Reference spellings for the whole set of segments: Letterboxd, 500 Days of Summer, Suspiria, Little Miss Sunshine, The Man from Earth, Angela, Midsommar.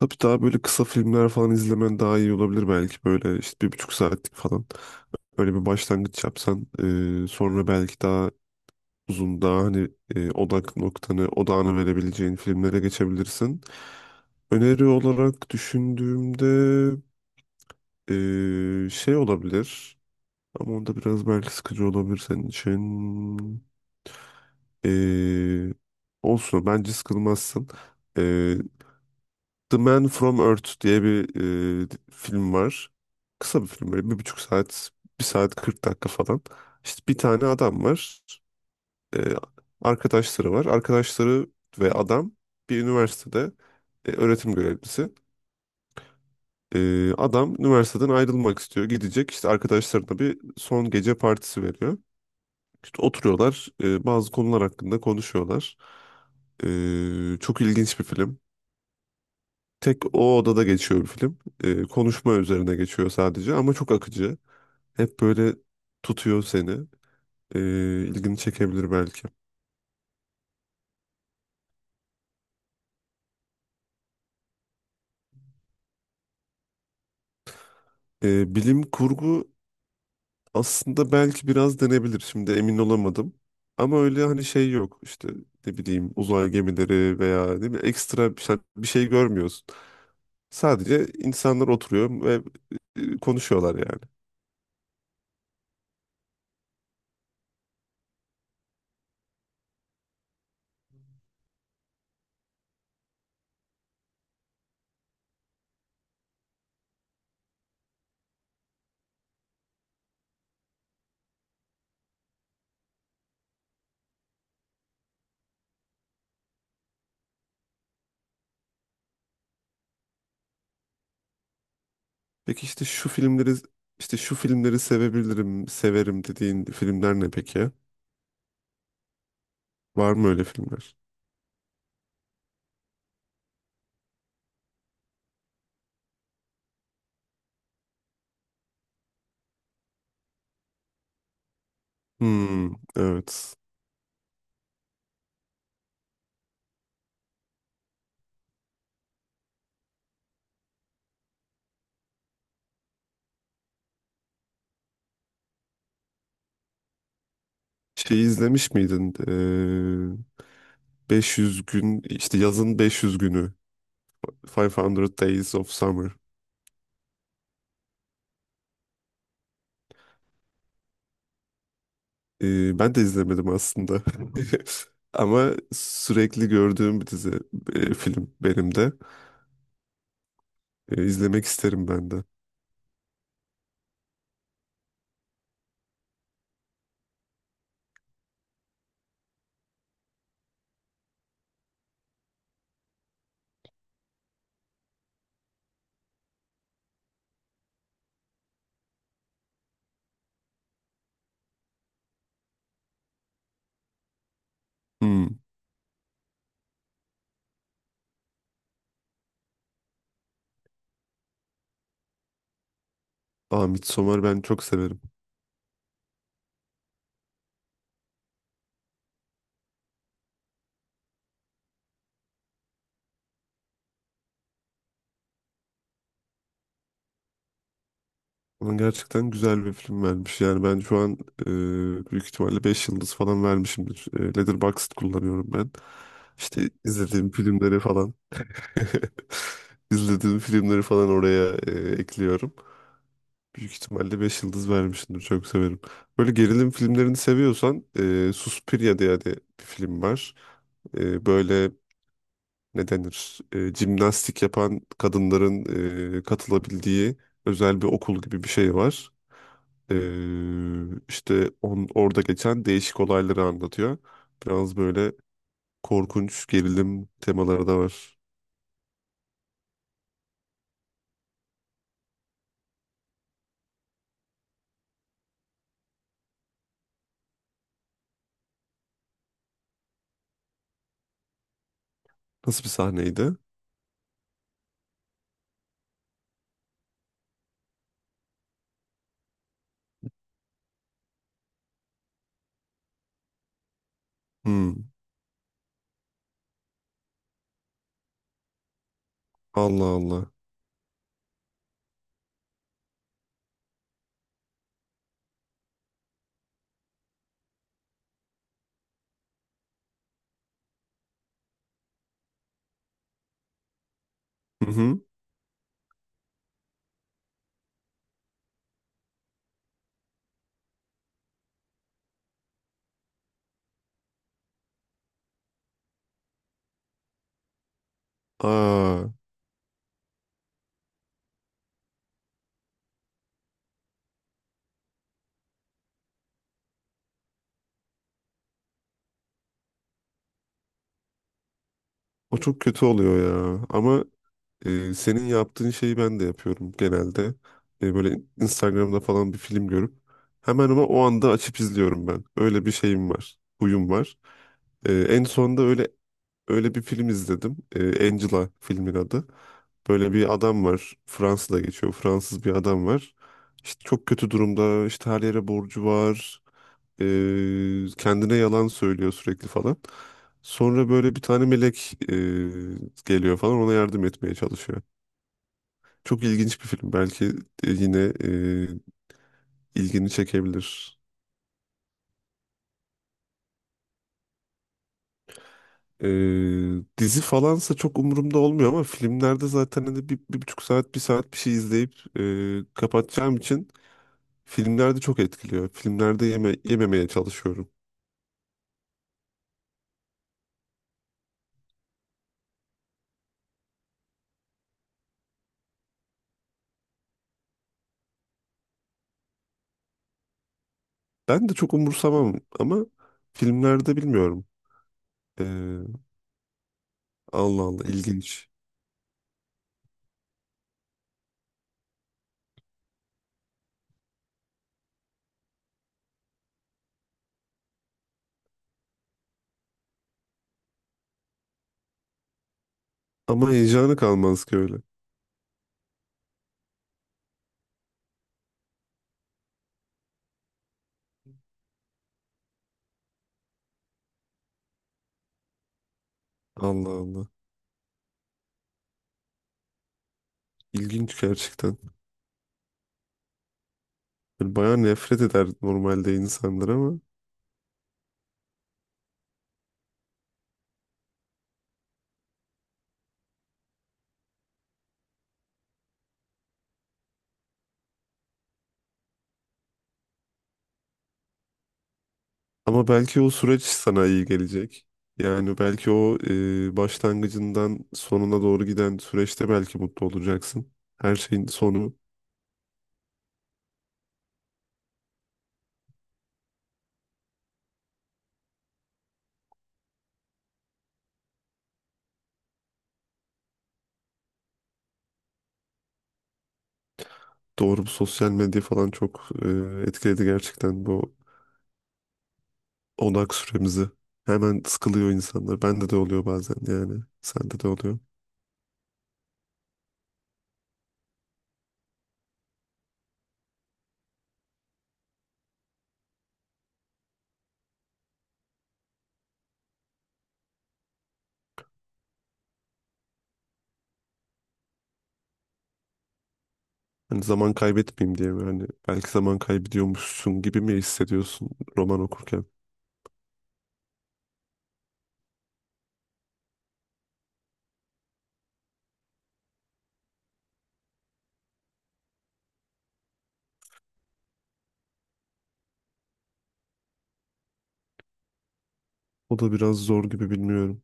Tabii daha böyle kısa filmler falan izlemen daha iyi olabilir belki. Böyle işte bir buçuk saatlik falan. Öyle bir başlangıç yapsan sonra belki daha uzun daha hani odak noktanı odağını verebileceğin filmlere geçebilirsin. Öneri olarak düşündüğümde şey olabilir ama onda biraz belki sıkıcı olabilir senin için. E, Olsun bence sıkılmazsın. E, The Man from Earth diye bir film var. Kısa bir film böyle bir buçuk saat, bir saat 40 dakika falan. İşte bir tane adam var. E, Arkadaşları var. Arkadaşları ve adam bir üniversitede öğretim görevlisi. Adam üniversiteden ayrılmak istiyor. Gidecek işte arkadaşlarına bir son gece partisi veriyor. İşte oturuyorlar, bazı konular hakkında konuşuyorlar. Çok ilginç bir film. Tek o odada geçiyor bir film. Konuşma üzerine geçiyor sadece ama çok akıcı. Hep böyle tutuyor seni. İlgini çekebilir belki. Bilim kurgu aslında belki biraz denebilir. Şimdi emin olamadım. Ama öyle hani şey yok işte, ne bileyim, uzay gemileri veya ne bileyim ekstra bir şey, bir şey görmüyorsun. Sadece insanlar oturuyor ve konuşuyorlar yani. Peki işte şu filmleri, işte şu filmleri sevebilirim, severim dediğin filmler ne peki? Var mı öyle filmler? Hmm, evet. Şeyi izlemiş miydin? 500 gün, işte yazın 500 günü. 500 Days of Summer. Ben de izlemedim aslında. Ama sürekli gördüğüm bir dizi, film benim de. İzlemek isterim ben de. Hmm. Aa, Midsommar ben çok severim. Ona gerçekten güzel bir film vermiş. Yani ben şu an büyük ihtimalle 5 yıldız falan vermişimdir. E, Letterboxd kullanıyorum ben. İşte izlediğim filmleri falan izlediğim filmleri falan oraya ekliyorum. Büyük ihtimalle 5 yıldız vermişimdir. Çok severim. Böyle gerilim filmlerini seviyorsan Suspiria diye de bir film var. Böyle ne denir? Jimnastik yapan kadınların katılabildiği özel bir okul gibi bir şey var. Ee, orada geçen değişik olayları anlatıyor. Biraz böyle korkunç gerilim temaları da var. Nasıl bir sahneydi? Hmm, Allah Allah. Hı hı. Aa, o çok kötü oluyor ya. Ama senin yaptığın şeyi ben de yapıyorum genelde. E, böyle Instagram'da falan bir film görüp hemen, ama o anda açıp izliyorum ben. Öyle bir şeyim var. Huyum var. En sonunda öyle bir film izledim. E, Angela filmin adı. Böyle bir adam var. Fransa'da geçiyor. Fransız bir adam var. İşte çok kötü durumda. İşte her yere borcu var. Kendine yalan söylüyor sürekli falan. Sonra böyle bir tane melek geliyor falan, ona yardım etmeye çalışıyor. Çok ilginç bir film. Belki yine ilgini çekebilir. E, Dizi falansa çok umurumda olmuyor ama filmlerde zaten hani bir, bir buçuk saat, bir saat bir şey izleyip kapatacağım için. Filmlerde çok etkiliyor. Filmlerde yeme, yememeye çalışıyorum. Ben de çok umursamam ama filmlerde bilmiyorum. Ee, Allah Allah ilginç. Ama heyecanı kalmaz ki öyle. Allah Allah. İlginç gerçekten. Böyle bayağı nefret eder normalde insanlar ama. Ama belki o süreç sana iyi gelecek. Yani belki o başlangıcından sonuna doğru giden süreçte belki mutlu olacaksın. Her şeyin sonu. Doğru, bu sosyal medya falan çok etkiledi gerçekten bu odak süremizi. Hemen sıkılıyor insanlar. Bende de oluyor bazen yani. Sende de oluyor. Hani zaman kaybetmeyeyim diye mi? Hani belki zaman kaybediyormuşsun gibi mi hissediyorsun roman okurken? O da biraz zor gibi, bilmiyorum.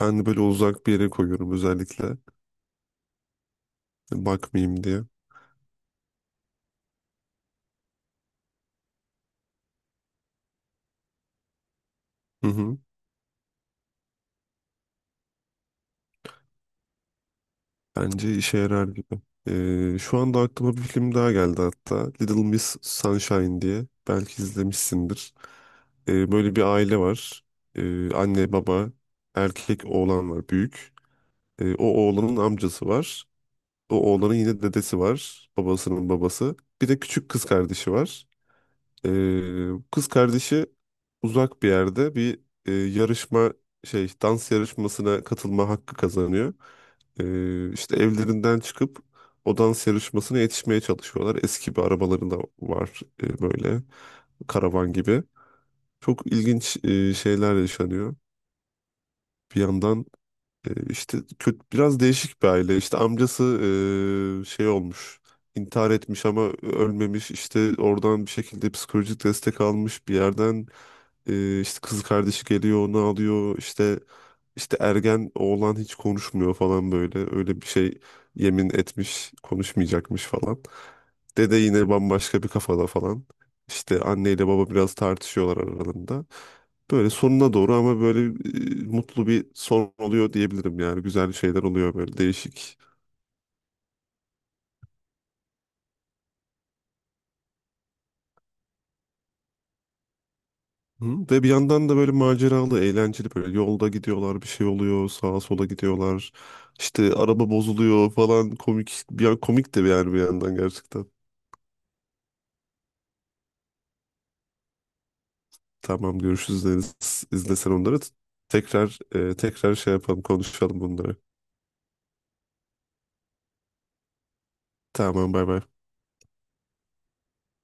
Ben de böyle uzak bir yere koyuyorum özellikle. Bakmayayım diye. Hı hı. Bence işe yarar gibi. E, şu anda aklıma bir film daha geldi hatta. Little Miss Sunshine diye. Belki izlemişsindir. Böyle bir aile var. Anne, baba, erkek oğlan var büyük. O oğlanın amcası var. O oğlanın yine dedesi var. Babasının babası. Bir de küçük kız kardeşi var. E, Kız kardeşi uzak bir yerde bir e, yarışma şey, dans yarışmasına katılma hakkı kazanıyor. İşte evlerinden çıkıp o dans yarışmasına yetişmeye çalışıyorlar. Eski bir arabaları da var, böyle karavan gibi. Çok ilginç şeyler yaşanıyor. Bir yandan işte kötü, biraz değişik bir aile. İşte amcası şey olmuş, intihar etmiş ama ölmemiş. İşte oradan bir şekilde psikolojik destek almış bir yerden. İşte kız kardeşi geliyor onu alıyor, işte ergen oğlan hiç konuşmuyor falan, böyle öyle bir şey, yemin etmiş konuşmayacakmış falan. Dede yine bambaşka bir kafada falan. İşte anneyle baba biraz tartışıyorlar aralarında. Böyle sonuna doğru ama böyle mutlu bir son oluyor diyebilirim yani. Güzel şeyler oluyor böyle değişik. Hı. Ve bir yandan da böyle maceralı, eğlenceli, böyle yolda gidiyorlar, bir şey oluyor, sağa sola gidiyorlar. İşte araba bozuluyor falan, komik. Bir yan komik de bir, yani bir yandan gerçekten. Tamam, görüşürüz Deniz. İzlesen onları. Tekrar tekrar şey yapalım, konuşalım bunları. Tamam, bay bay.